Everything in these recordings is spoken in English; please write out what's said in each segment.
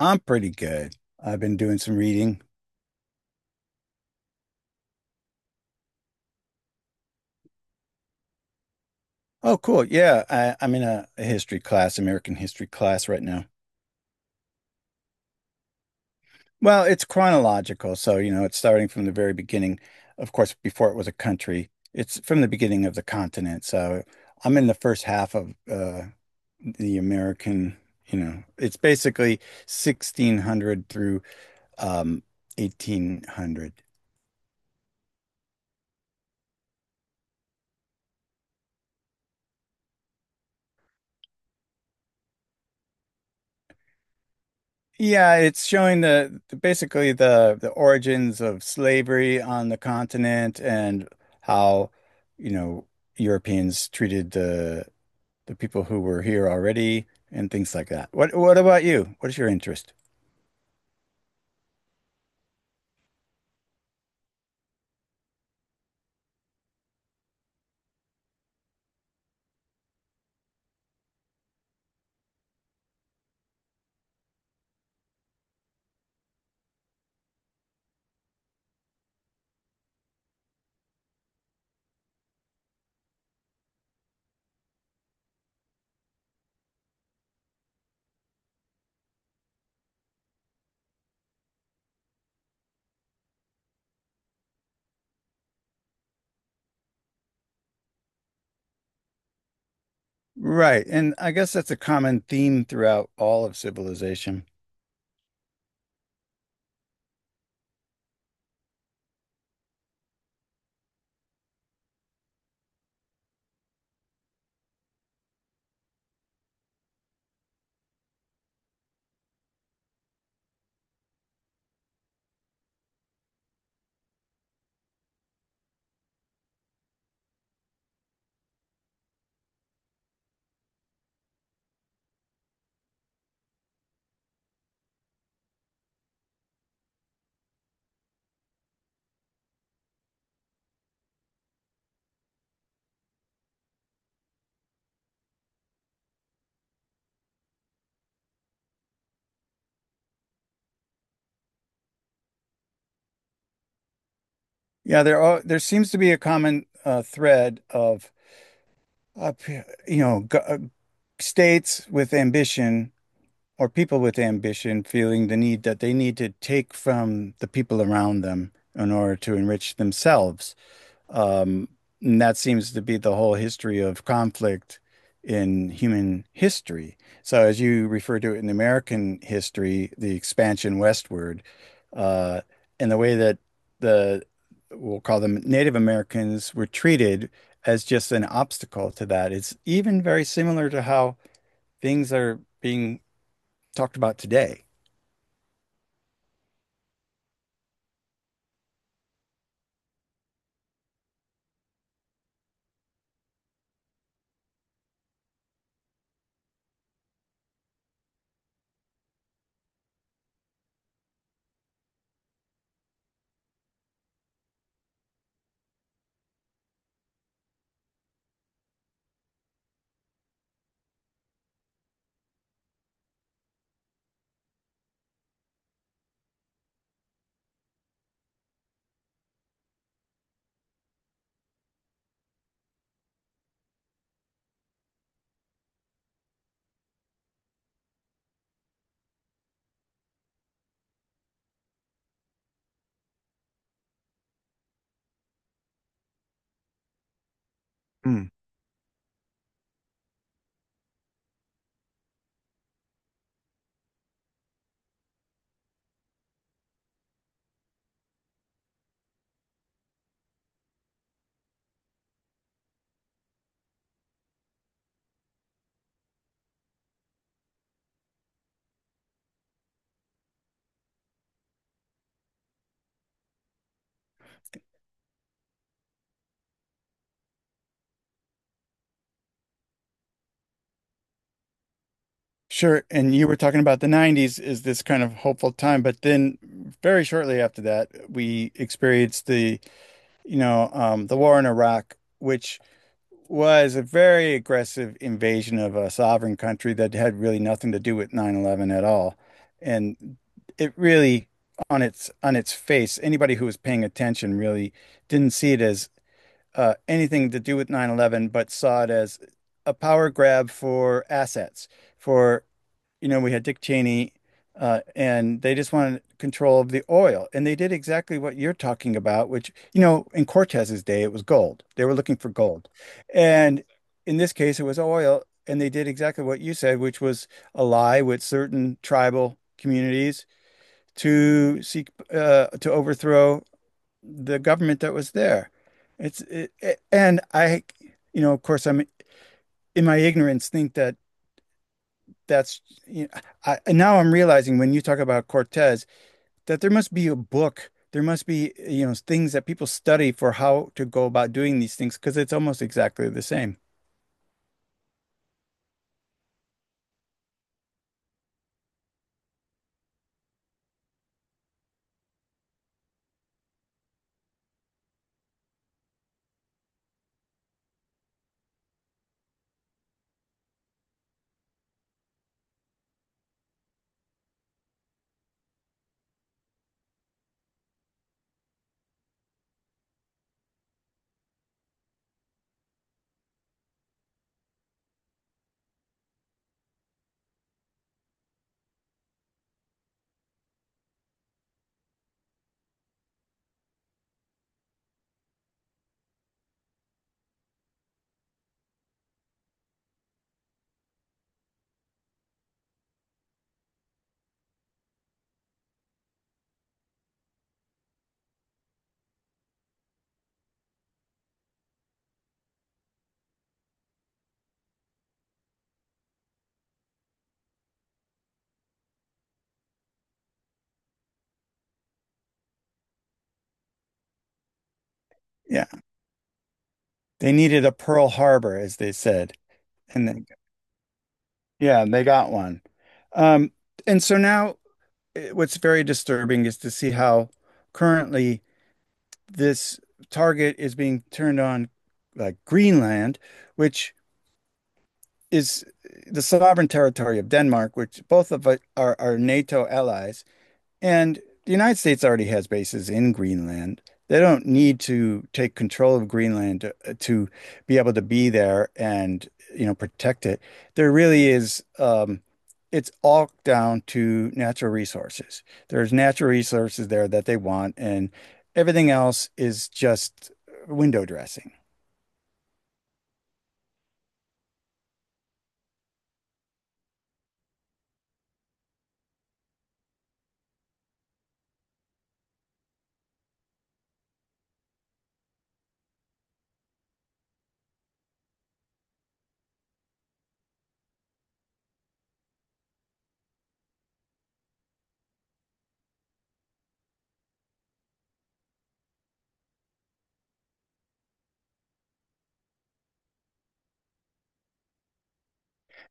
I'm pretty good. I've been doing some reading. Oh, cool. Yeah, I'm in a history class, American history class right now. Well, it's chronological, so you know, it's starting from the very beginning. Of course, before it was a country, it's from the beginning of the continent. So I'm in the first half of the American, you know, it's basically 1600 through um, 1800. Yeah, it's showing basically the origins of slavery on the continent and how, you know, Europeans treated the people who were here already and things like that. What about you? What is your interest? Right, and I guess that's a common theme throughout all of civilization. Yeah, there seems to be a common thread of up, you know, states with ambition or people with ambition feeling the need that they need to take from the people around them in order to enrich themselves. Um, and that seems to be the whole history of conflict in human history. So, as you refer to it in American history, the expansion westward, uh, and the way that the we'll call them Native Americans were treated as just an obstacle to that. It's even very similar to how things are being talked about today. Mm. Sure. And you were talking about the 90s is this kind of hopeful time, but then very shortly after that, we experienced the the war in Iraq, which was a very aggressive invasion of a sovereign country that had really nothing to do with 9/11 at all. And it really, on its face, anybody who was paying attention really didn't see it as anything to do with 9/11, but saw it as a power grab for assets, for you know, we had Dick Cheney, and they just wanted control of the oil. And they did exactly what you're talking about, which, you know, in Cortez's day, it was gold. They were looking for gold. And in this case, it was oil. And they did exactly what you said, which was ally with certain tribal communities to seek to overthrow the government that was there. It's it, it- and I, you know, of course, I'm in my ignorance think that that's you know, I'm realizing when you talk about Cortez that there must be a book, there must be you know things that people study for how to go about doing these things because it's almost exactly the same. Yeah, they needed a Pearl Harbor, as they said, and then yeah, they got one. Um, and so now what's very disturbing is to see how currently this target is being turned on like Greenland, which is the sovereign territory of Denmark, which both of us are NATO allies. And the United States already has bases in Greenland. They don't need to take control of Greenland to be able to be there and, you know, protect it. There really is, it's all down to natural resources. There's natural resources there that they want, and everything else is just window dressing.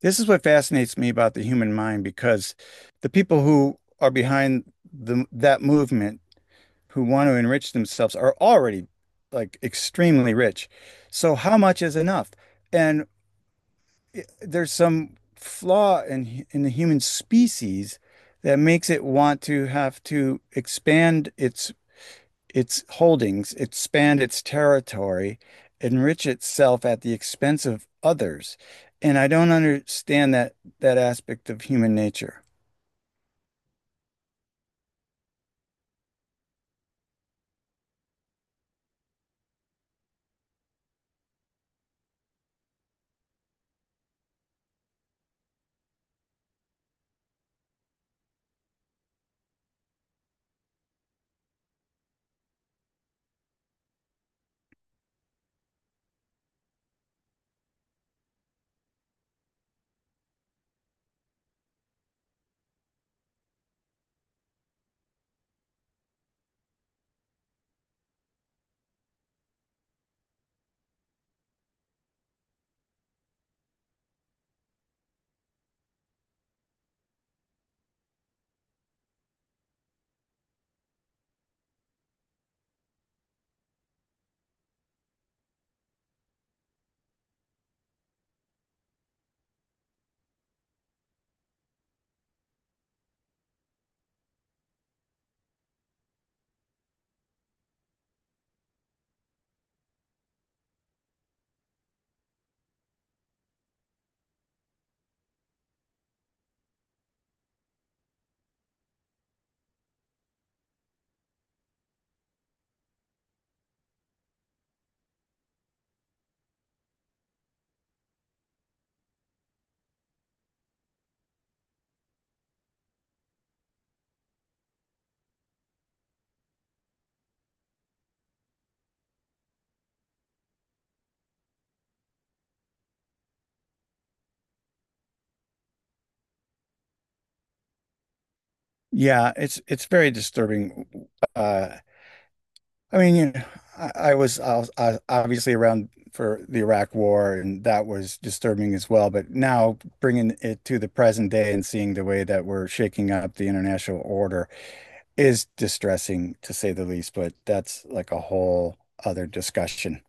This is what fascinates me about the human mind because the people who are behind that movement who want to enrich themselves are already like extremely rich. So how much is enough? And there's some flaw in the human species that makes it want to have to expand its holdings, expand its territory, enrich itself at the expense of others. And I don't understand that that aspect of human nature. Yeah, it's very disturbing uh I mean, you know, I was obviously around for the Iraq War, and that was disturbing as well. But now bringing it to the present day and seeing the way that we're shaking up the international order is distressing to say the least. But that's like a whole other discussion.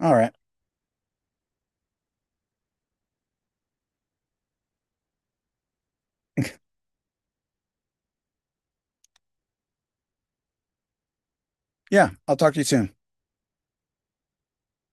All right. Yeah, I'll talk to you soon.